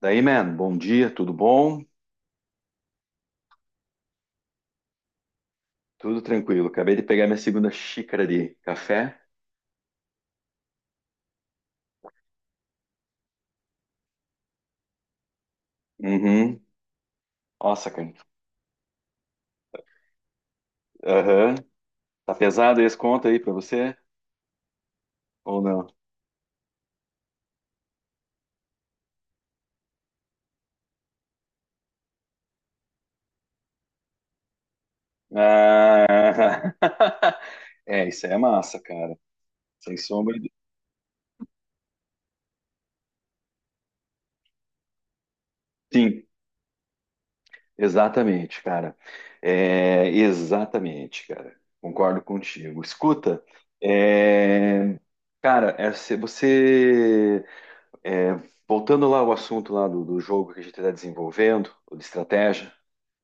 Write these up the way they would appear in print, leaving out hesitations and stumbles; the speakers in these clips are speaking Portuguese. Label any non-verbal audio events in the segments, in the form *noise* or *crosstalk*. Daí, man, bom dia, tudo bom? Tudo tranquilo. Acabei de pegar minha segunda xícara de café. Uhum. Nossa, cara. Aham. Tá pesado esse conto aí pra você? Ou não? Ah. *laughs* É, isso aí é massa, cara. Sem sombra de... Sim, exatamente, cara. É, exatamente, cara. Concordo contigo. Escuta, é... cara, é, se você É, voltando lá ao assunto lá do jogo que a gente está desenvolvendo, ou de estratégia,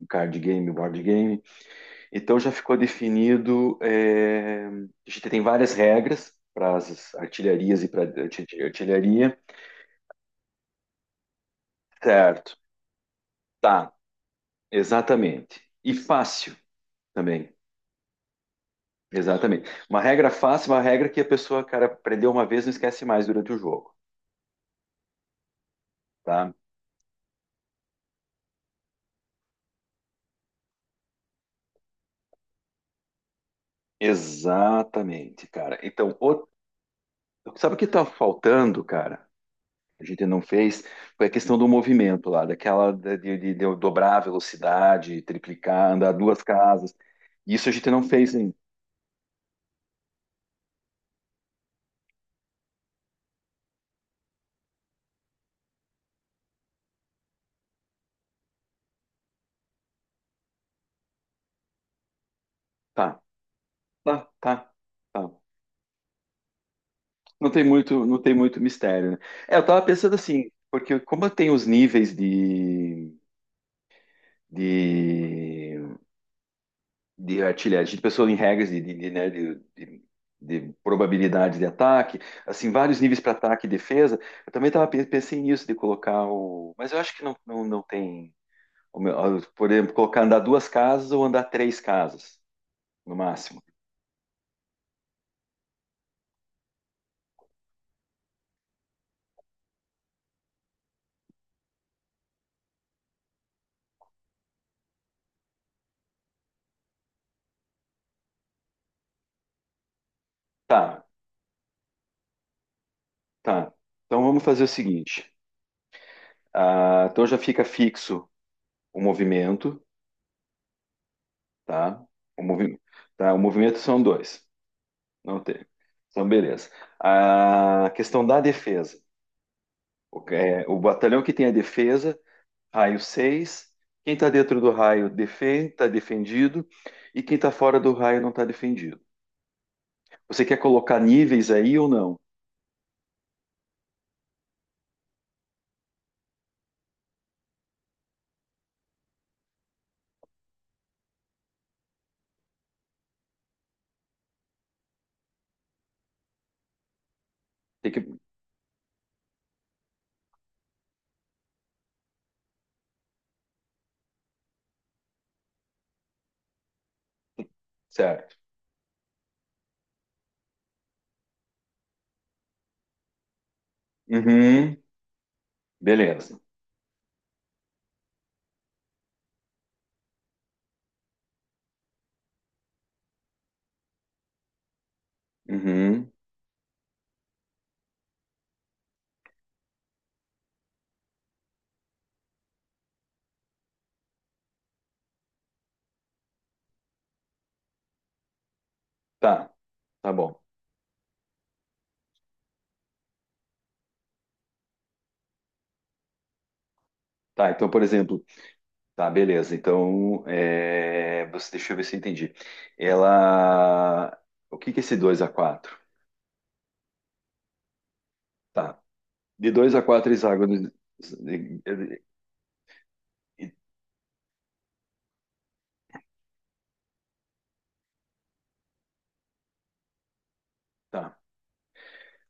o card game, o board game. Então já ficou definido, a gente tem várias regras para as artilharias e para artilharia. Certo, tá, exatamente. E fácil também, exatamente. Uma regra fácil, uma regra que a pessoa, cara, aprendeu uma vez e não esquece mais durante o jogo, tá? Exatamente, cara. Então, sabe o que está faltando, cara? A gente não fez. Foi a questão do movimento lá, daquela da- de eu dobrar a velocidade, triplicar, andar duas casas. Isso a gente não fez ainda. Tá, tá, tá, tá. Não tem muito mistério, né? É, eu tava pensando assim, porque como tem os níveis de, de, de artilharia, a gente pensou em regras né, de probabilidade de ataque, assim, vários níveis para ataque e defesa. Eu também tava, pensei nisso, de colocar o. Mas eu acho que não, não tem. Por exemplo, colocar andar duas casas ou andar três casas, no máximo. Tá, tá. Então vamos fazer o seguinte. Ah, então já fica fixo o movimento, tá? O movimento, tá? O movimento são dois, não tem. Então, beleza. A questão da defesa. O, o batalhão que tem a defesa, raio 6. Quem está dentro do raio defende, está defendido, e quem está fora do raio não está defendido. Você quer colocar níveis aí ou não? Tem que, certo. Uhum, beleza. Uhum, tá, tá bom. Tá, então, por exemplo, tá, beleza. Então, você, deixa eu ver se eu entendi. Ela, o que que é esse 2 a 4? Tá, de dois a 4, hexágonos. de- de- de- Tá.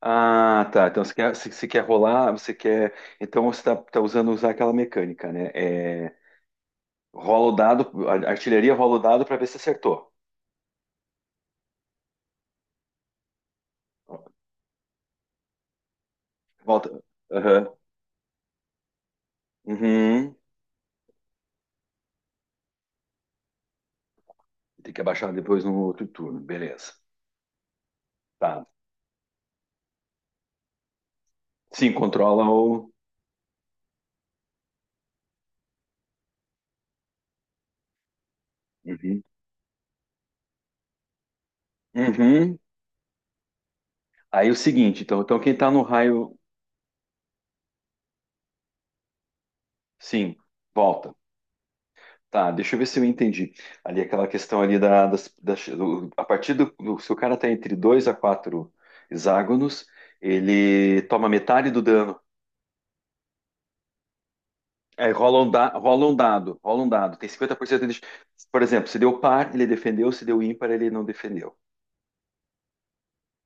Ah, tá. Então, você quer, você quer rolar, você quer. Então, você tá, tá usando usar aquela mecânica, né? Rola o dado, a artilharia rola o dado para ver se acertou. Volta. Aham. Uhum. Tem que abaixar depois no outro turno. Beleza. Tá. Sim, controla o. Uhum. Uhum. Aí o seguinte, então, então quem tá no raio. Sim, volta. Tá, deixa eu ver se eu entendi. Ali aquela questão ali da, das, das- do- A partir do, se o cara tá entre dois a quatro hexágonos, ele toma metade do dano. Aí rola um, rola um dado, rola um dado. Tem cinquenta por cento de. Por exemplo, se deu par, ele defendeu, se deu ímpar, ele não defendeu.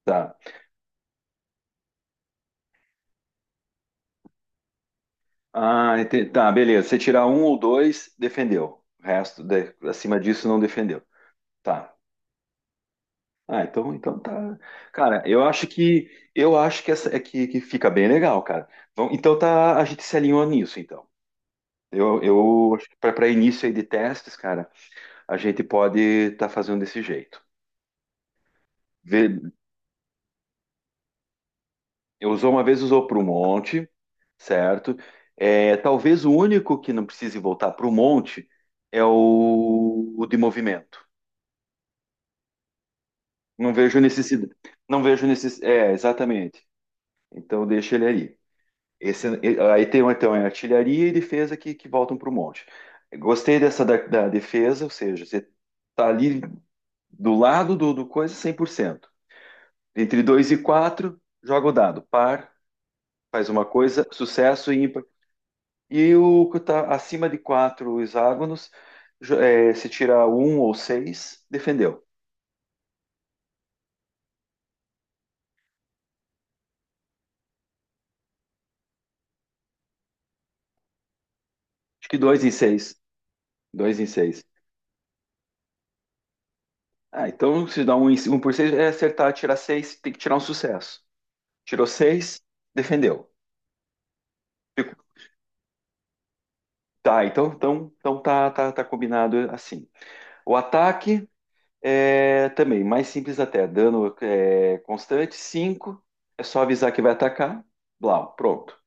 Tá. Ah, tá, beleza. Você tirar um ou dois, defendeu. O resto, acima disso, não defendeu. Tá. Ah, então, então tá. Cara, eu acho que essa é que fica bem legal, cara. Bom, então tá, a gente se alinhou nisso, então. Eu acho que para início aí de testes, cara, a gente pode estar fazendo desse jeito. Vê, eu usou uma vez, usou para o monte, certo? É, talvez o único que não precise voltar para o monte é o de movimento. Não vejo necessidade. Não vejo necessidade. É, exatamente. Então deixa ele aí. Esse, aí tem um, então, é artilharia e defesa que voltam para o monte. Gostei dessa da, da defesa, ou seja, você tá ali do lado do, do coisa cem por cento. Entre 2 e 4 joga o dado. Par, faz uma coisa, sucesso e ímpar. E o que está acima de 4 hexágonos, se tirar um ou seis defendeu. Acho que dois em seis, dois em seis. Ah, então se dá um, um por seis, é acertar, tirar seis, tem que tirar um sucesso. Tirou seis, defendeu. Fico- Tá, então, então, então tá, tá, tá combinado assim. O ataque é também mais simples até. Dano é, constante, cinco. É só avisar que vai atacar. Blau, pronto.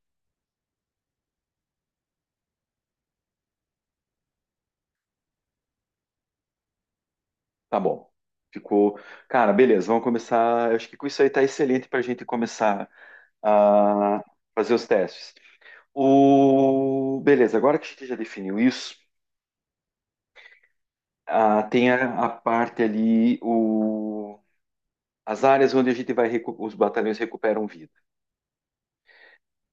Tá bom. Ficou. Cara, beleza, vamos começar. Eu acho que com isso aí tá excelente pra gente começar a fazer os testes. O... Beleza, agora que a gente já definiu isso. Ah, tem a parte ali, o, as áreas onde a gente vai, os batalhões recuperam vida.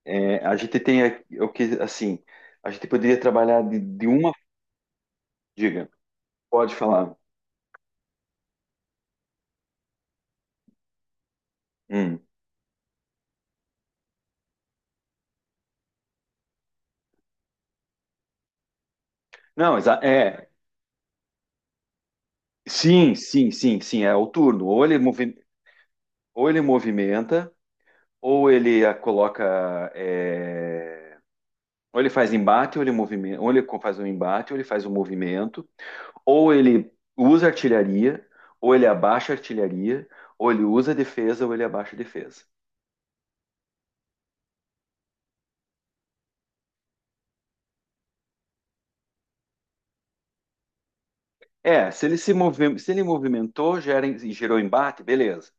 É, a gente tem aqui- o que, assim, a gente poderia trabalhar de uma, diga, pode falar. Hum. Não, é, sim, sim, sim, sim, é o turno. Ou ele movimenta, ou ele a coloca, é, ou ele faz embate, ou ele movimenta, ou ele faz um embate, ou ele faz um movimento, ou ele usa artilharia, ou ele abaixa artilharia, ou ele usa defesa, ou ele abaixa defesa. É, se ele movimentou, gera, gerou embate, beleza.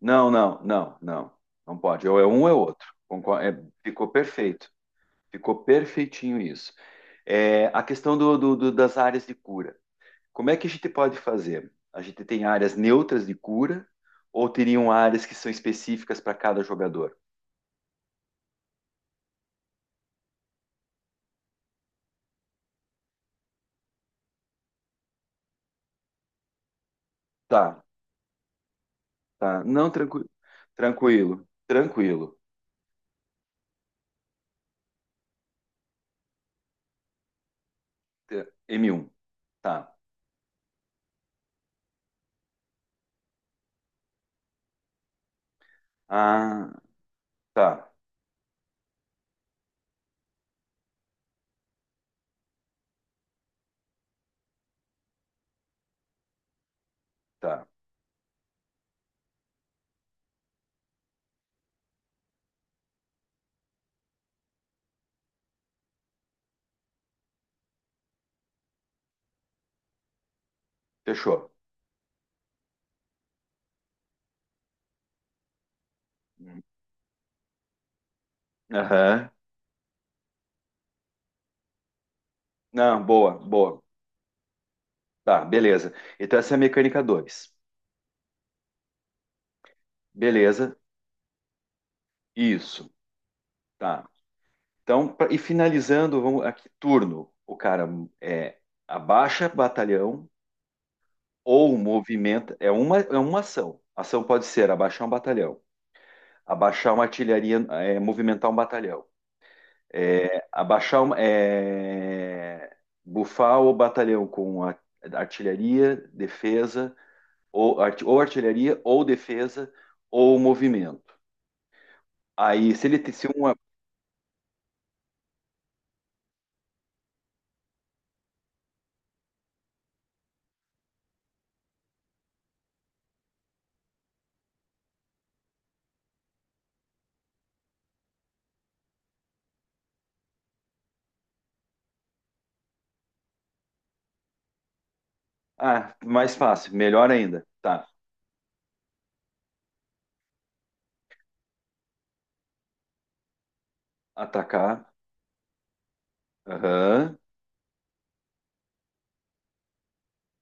Não, não, não, não. Não pode. Ou é um ou é outro. É, ficou perfeito. Ficou perfeitinho isso. É, a questão das áreas de cura. Como é que a gente pode fazer? A gente tem áreas neutras de cura ou teriam áreas que são específicas para cada jogador? Tá, tá. Não, tranquilo. Tranquilo. Tranquilo. M1. Tá. Ah, tá. Tá. Fechou. Hum. Aham. Não, boa, boa. Tá, beleza. Então essa é a mecânica dois. Beleza. Isso. Tá. Então, e finalizando, vamos aqui, turno. O cara é abaixa batalhão ou movimenta. É uma ação. A ação pode ser abaixar um batalhão, abaixar uma artilharia, é, movimentar um batalhão. É, abaixar, é, bufar o batalhão artilharia, defesa, ou, ou artilharia, ou defesa, ou movimento. Aí, se ele se uma. Ah, mais fácil, melhor ainda. Tá. Atacar. Aham.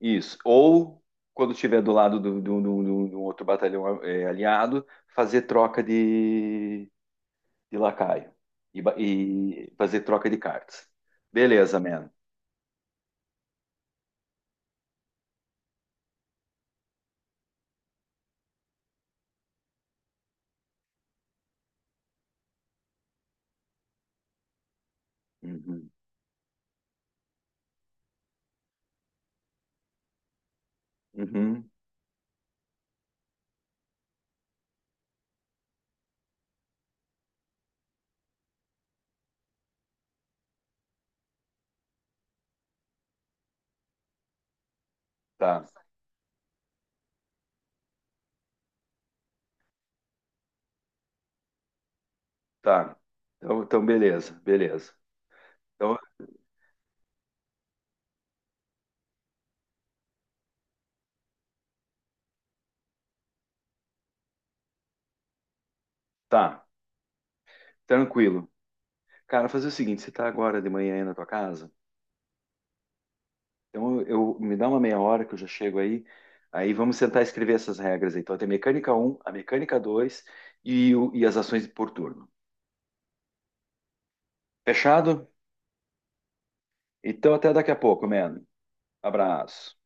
Isso. Ou, quando estiver do lado de um outro batalhão é, aliado, fazer troca de lacaio. E, e fazer troca de cartas. Beleza, man. Uhum. Uhum, tá, tá. Então, então, beleza, beleza. Então, tá, tranquilo. Cara, fazer o seguinte, você tá agora de manhã aí na tua casa? Então, eu, me dá uma meia hora que eu já chego aí. Aí vamos tentar escrever essas regras aí. Então, tem mecânica um a mecânica 2 e, e as ações por turno. Fechado? Então, até daqui a pouco, mano. Abraço.